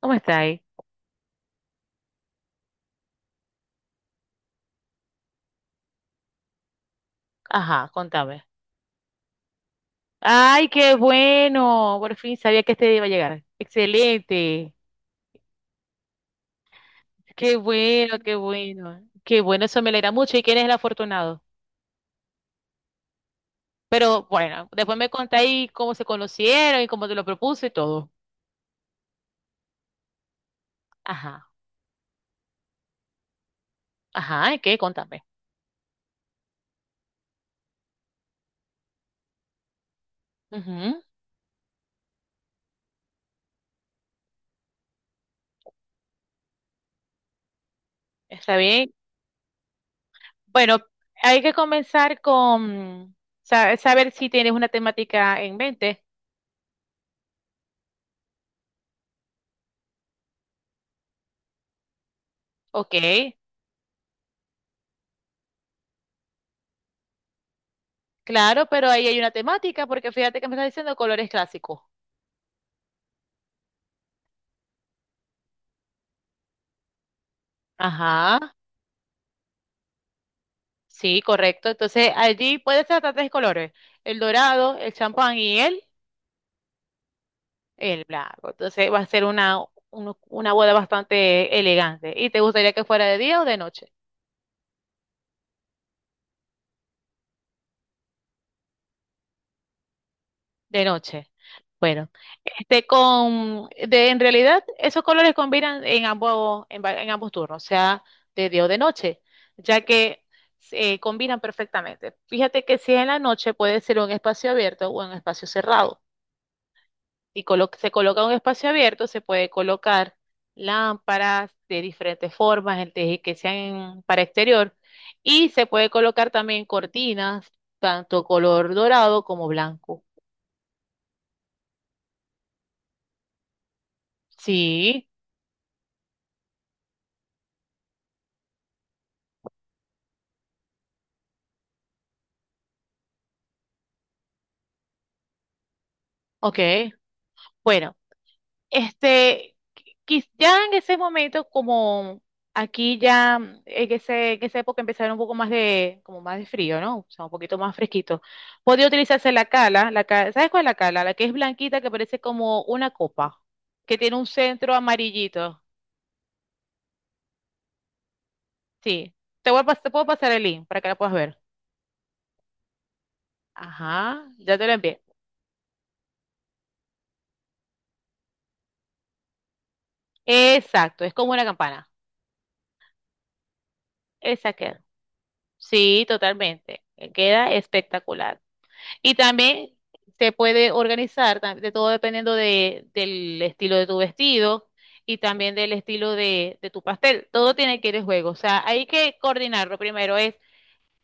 ¿Cómo está ahí? Ajá, contame. Ay, qué bueno. Por fin sabía que este día iba a llegar. Excelente. Qué bueno, qué bueno. Qué bueno, eso me alegra mucho. ¿Y quién es el afortunado? Pero bueno, después me contáis cómo se conocieron y cómo te lo propuse y todo. Ajá, ajá, ¿y qué? Contame. Ujú, está bien. Bueno, hay que comenzar con saber si tienes una temática en mente. Ok, claro, pero ahí hay una temática porque fíjate que me estás diciendo colores clásicos. Ajá, sí, correcto. Entonces allí puede ser hasta tres colores, el dorado, el champán y el blanco. Entonces va a ser una boda bastante elegante. ¿Y te gustaría que fuera de día o de noche? De noche. Bueno, este en realidad esos colores combinan en ambos, en ambos turnos, sea, de día o de noche, ya que se combinan perfectamente. Fíjate que si es en la noche puede ser un espacio abierto o un espacio cerrado. Y se coloca en un espacio abierto, se puede colocar lámparas de diferentes formas, que sean para exterior, y se puede colocar también cortinas, tanto color dorado como blanco. Sí, ok. Bueno. Este, ya en ese momento, como aquí ya en esa época empezaron un poco más de, como más de frío, ¿no? O sea, un poquito más fresquito. Podía utilizarse la cala, ¿sabes cuál es la cala? La que es blanquita, que parece como una copa, que tiene un centro amarillito. Sí. Te puedo pasar el link para que la puedas ver. Ajá, ya te lo envié. Exacto, es como una campana. Esa queda. Sí, totalmente. Queda espectacular. Y también se puede organizar, de todo dependiendo del estilo de tu vestido y también del estilo de tu pastel. Todo tiene que ir en juego. O sea, hay que coordinarlo. Primero es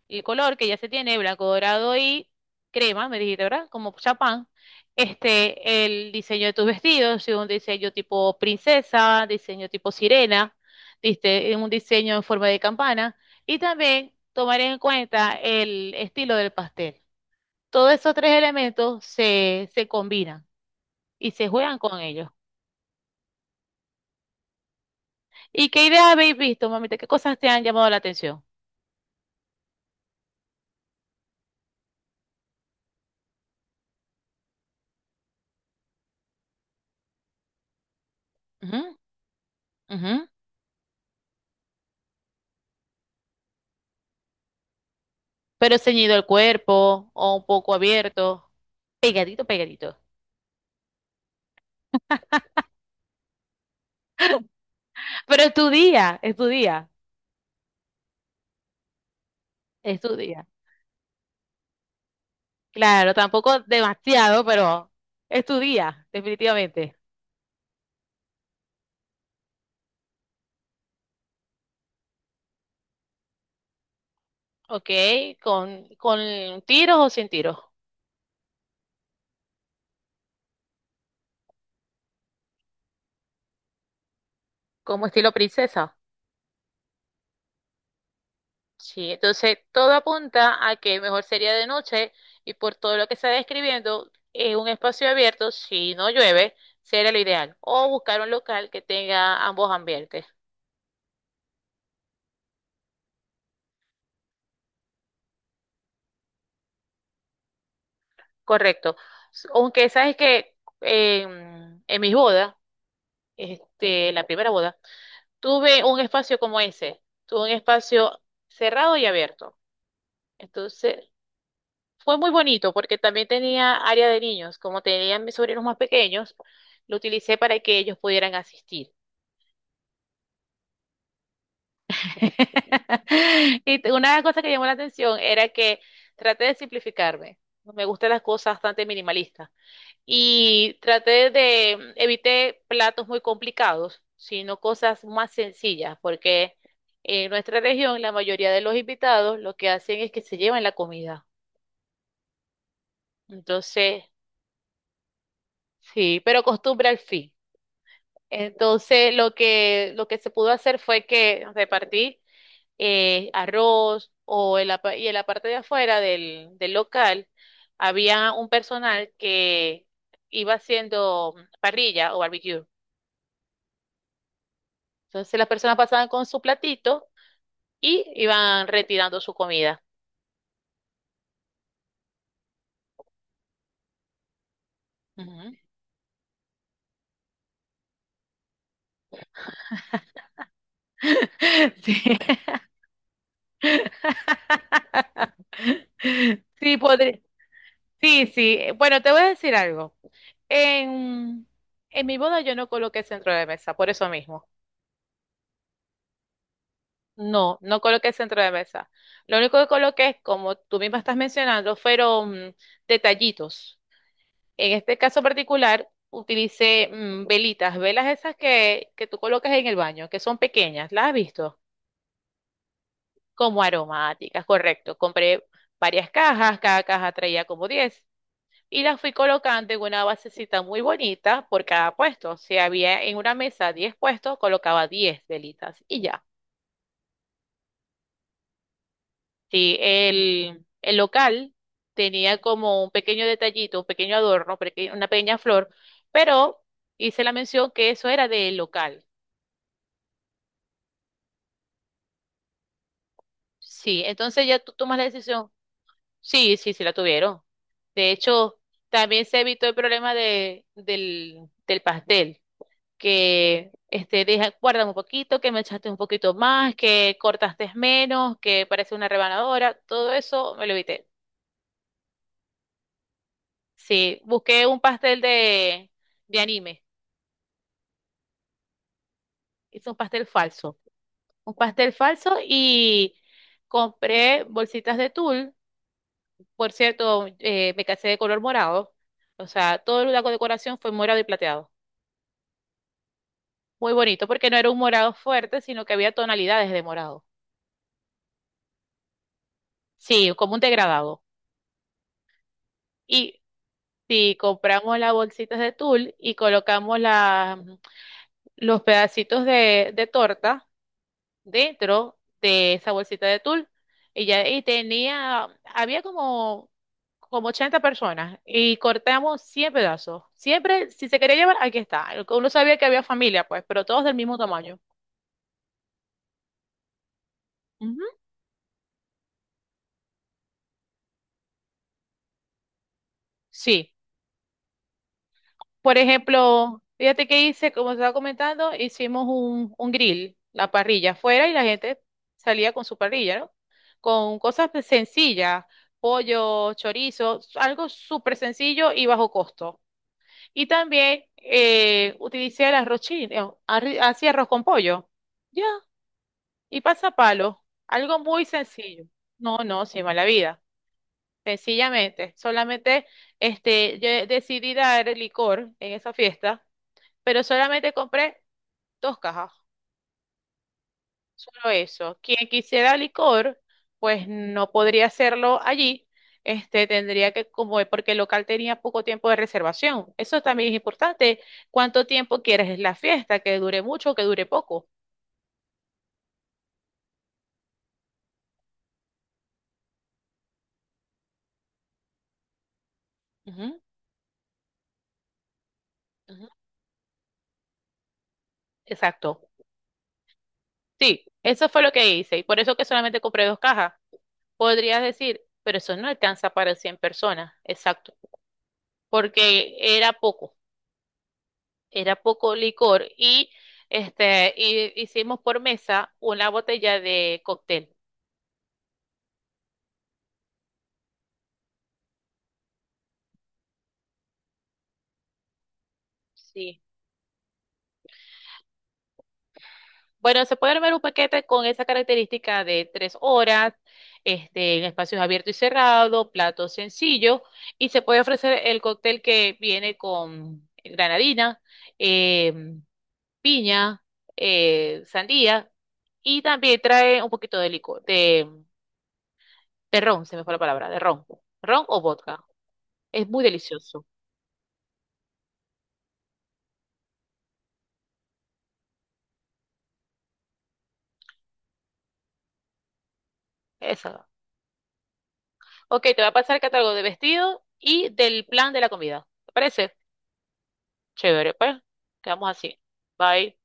el color que ya se tiene, blanco, dorado y crema, me dijiste, ¿verdad? Como chapán. Este, el diseño de tus vestidos, si un diseño tipo princesa, diseño tipo sirena, diste un diseño en forma de campana. Y también tomar en cuenta el estilo del pastel. Todos esos tres elementos se combinan y se juegan con ellos. ¿Y qué ideas habéis visto, mamita? ¿Qué cosas te han llamado la atención? Ujú, ujú. Pero ceñido el cuerpo o un poco abierto, pegadito, pegadito. Pero es tu día, es tu día, es tu día. Claro, tampoco demasiado, pero es tu día, definitivamente. Ok, con tiros o sin tiros, como estilo princesa. Sí, entonces todo apunta a que mejor sería de noche y por todo lo que está describiendo, en un espacio abierto, si no llueve, sería lo ideal. O buscar un local que tenga ambos ambientes. Correcto. Aunque sabes que en mis bodas, este, la primera boda, tuve un espacio como ese. Tuve un espacio cerrado y abierto. Entonces, fue muy bonito porque también tenía área de niños. Como tenían mis sobrinos más pequeños, lo utilicé para que ellos pudieran asistir. Una cosa que llamó la atención era que traté de simplificarme. Me gustan las cosas bastante minimalistas. Y evité platos muy complicados, sino cosas más sencillas, porque en nuestra región la mayoría de los invitados lo que hacen es que se llevan la comida. Entonces, sí, pero costumbre al fin. Entonces, lo que se pudo hacer fue que repartí arroz o y en la parte de afuera del local había un personal que iba haciendo parrilla o barbecue. Entonces, las personas pasaban con su platito y iban retirando su comida. Ujú. Sí. Sí, podría. Sí, sí. Bueno, te voy a decir algo. En, en mi boda yo no coloqué centro de mesa, por eso mismo. No, no coloqué centro de mesa. Lo único que coloqué es, como tú misma estás mencionando, fueron detallitos. En este caso particular, utilicé velitas, velas esas que tú colocas en el baño, que son pequeñas, ¿las has visto? Como aromáticas, correcto. Compré varias cajas, cada caja traía como 10 y las fui colocando en una basecita muy bonita por cada puesto. Si había en una mesa 10 puestos, colocaba 10 velitas y ya. Sí, el local tenía como un pequeño detallito, un pequeño adorno, una pequeña flor, pero hice la mención que eso era del local. Sí, entonces ya tú tomas la decisión. Sí, sí, sí la tuvieron. De hecho, también se evitó el problema del pastel, que este, deja, guardan un poquito, que me echaste un poquito más, que cortaste menos, que parece una rebanadora, todo eso me lo evité. Sí, busqué un pastel de anime. Hice un pastel falso. Un pastel falso y compré bolsitas de tul. Por cierto, me casé de color morado. O sea, toda la decoración fue morado y plateado. Muy bonito, porque no era un morado fuerte, sino que había tonalidades de morado. Sí, como un degradado. Y si compramos las bolsitas de tul y colocamos los pedacitos de torta dentro de esa bolsita de tul, y ya y había como 80 personas y cortamos 100 pedazos. Siempre, si se quería llevar, aquí está. Uno sabía que había familia, pues, pero todos del mismo tamaño. Ujú. Sí. Por ejemplo, fíjate que hice, como estaba comentando, hicimos un grill, la parrilla afuera y la gente salía con su parrilla, ¿no? Con cosas pues, sencillas, pollo, chorizo, algo súper sencillo y bajo costo. Y también utilicé el arroz chino, hacía arroz con pollo. Ya, y pasapalo, algo muy sencillo. No, no, sin mala vida. Sencillamente, solamente este, yo decidí dar licor en esa fiesta, pero solamente compré dos cajas, solo eso. Quien quisiera licor, pues no podría hacerlo allí. Este, tendría que, como porque el local tenía poco tiempo de reservación. Eso también es importante. ¿Cuánto tiempo quieres la fiesta? Que dure mucho, o que dure poco. Ujú, ujú. Exacto. Sí, eso fue lo que hice y por eso que solamente compré dos cajas. Podrías decir, pero eso no alcanza para 100 personas, exacto, porque era poco licor y este y hicimos por mesa una botella de cóctel. Sí. Bueno, se puede armar un paquete con esa característica de 3 horas, este, en espacios abiertos y cerrados, platos sencillos, y se puede ofrecer el cóctel que viene con granadina, em, piña, sandía y también trae un poquito de licor, de ron, se me fue la palabra, de ron, ron o vodka. Es muy delicioso. Esa. Ok, te voy a pasar el catálogo de vestido y del plan de la comida. ¿Te parece? Chévere, pues. Quedamos así. Bye.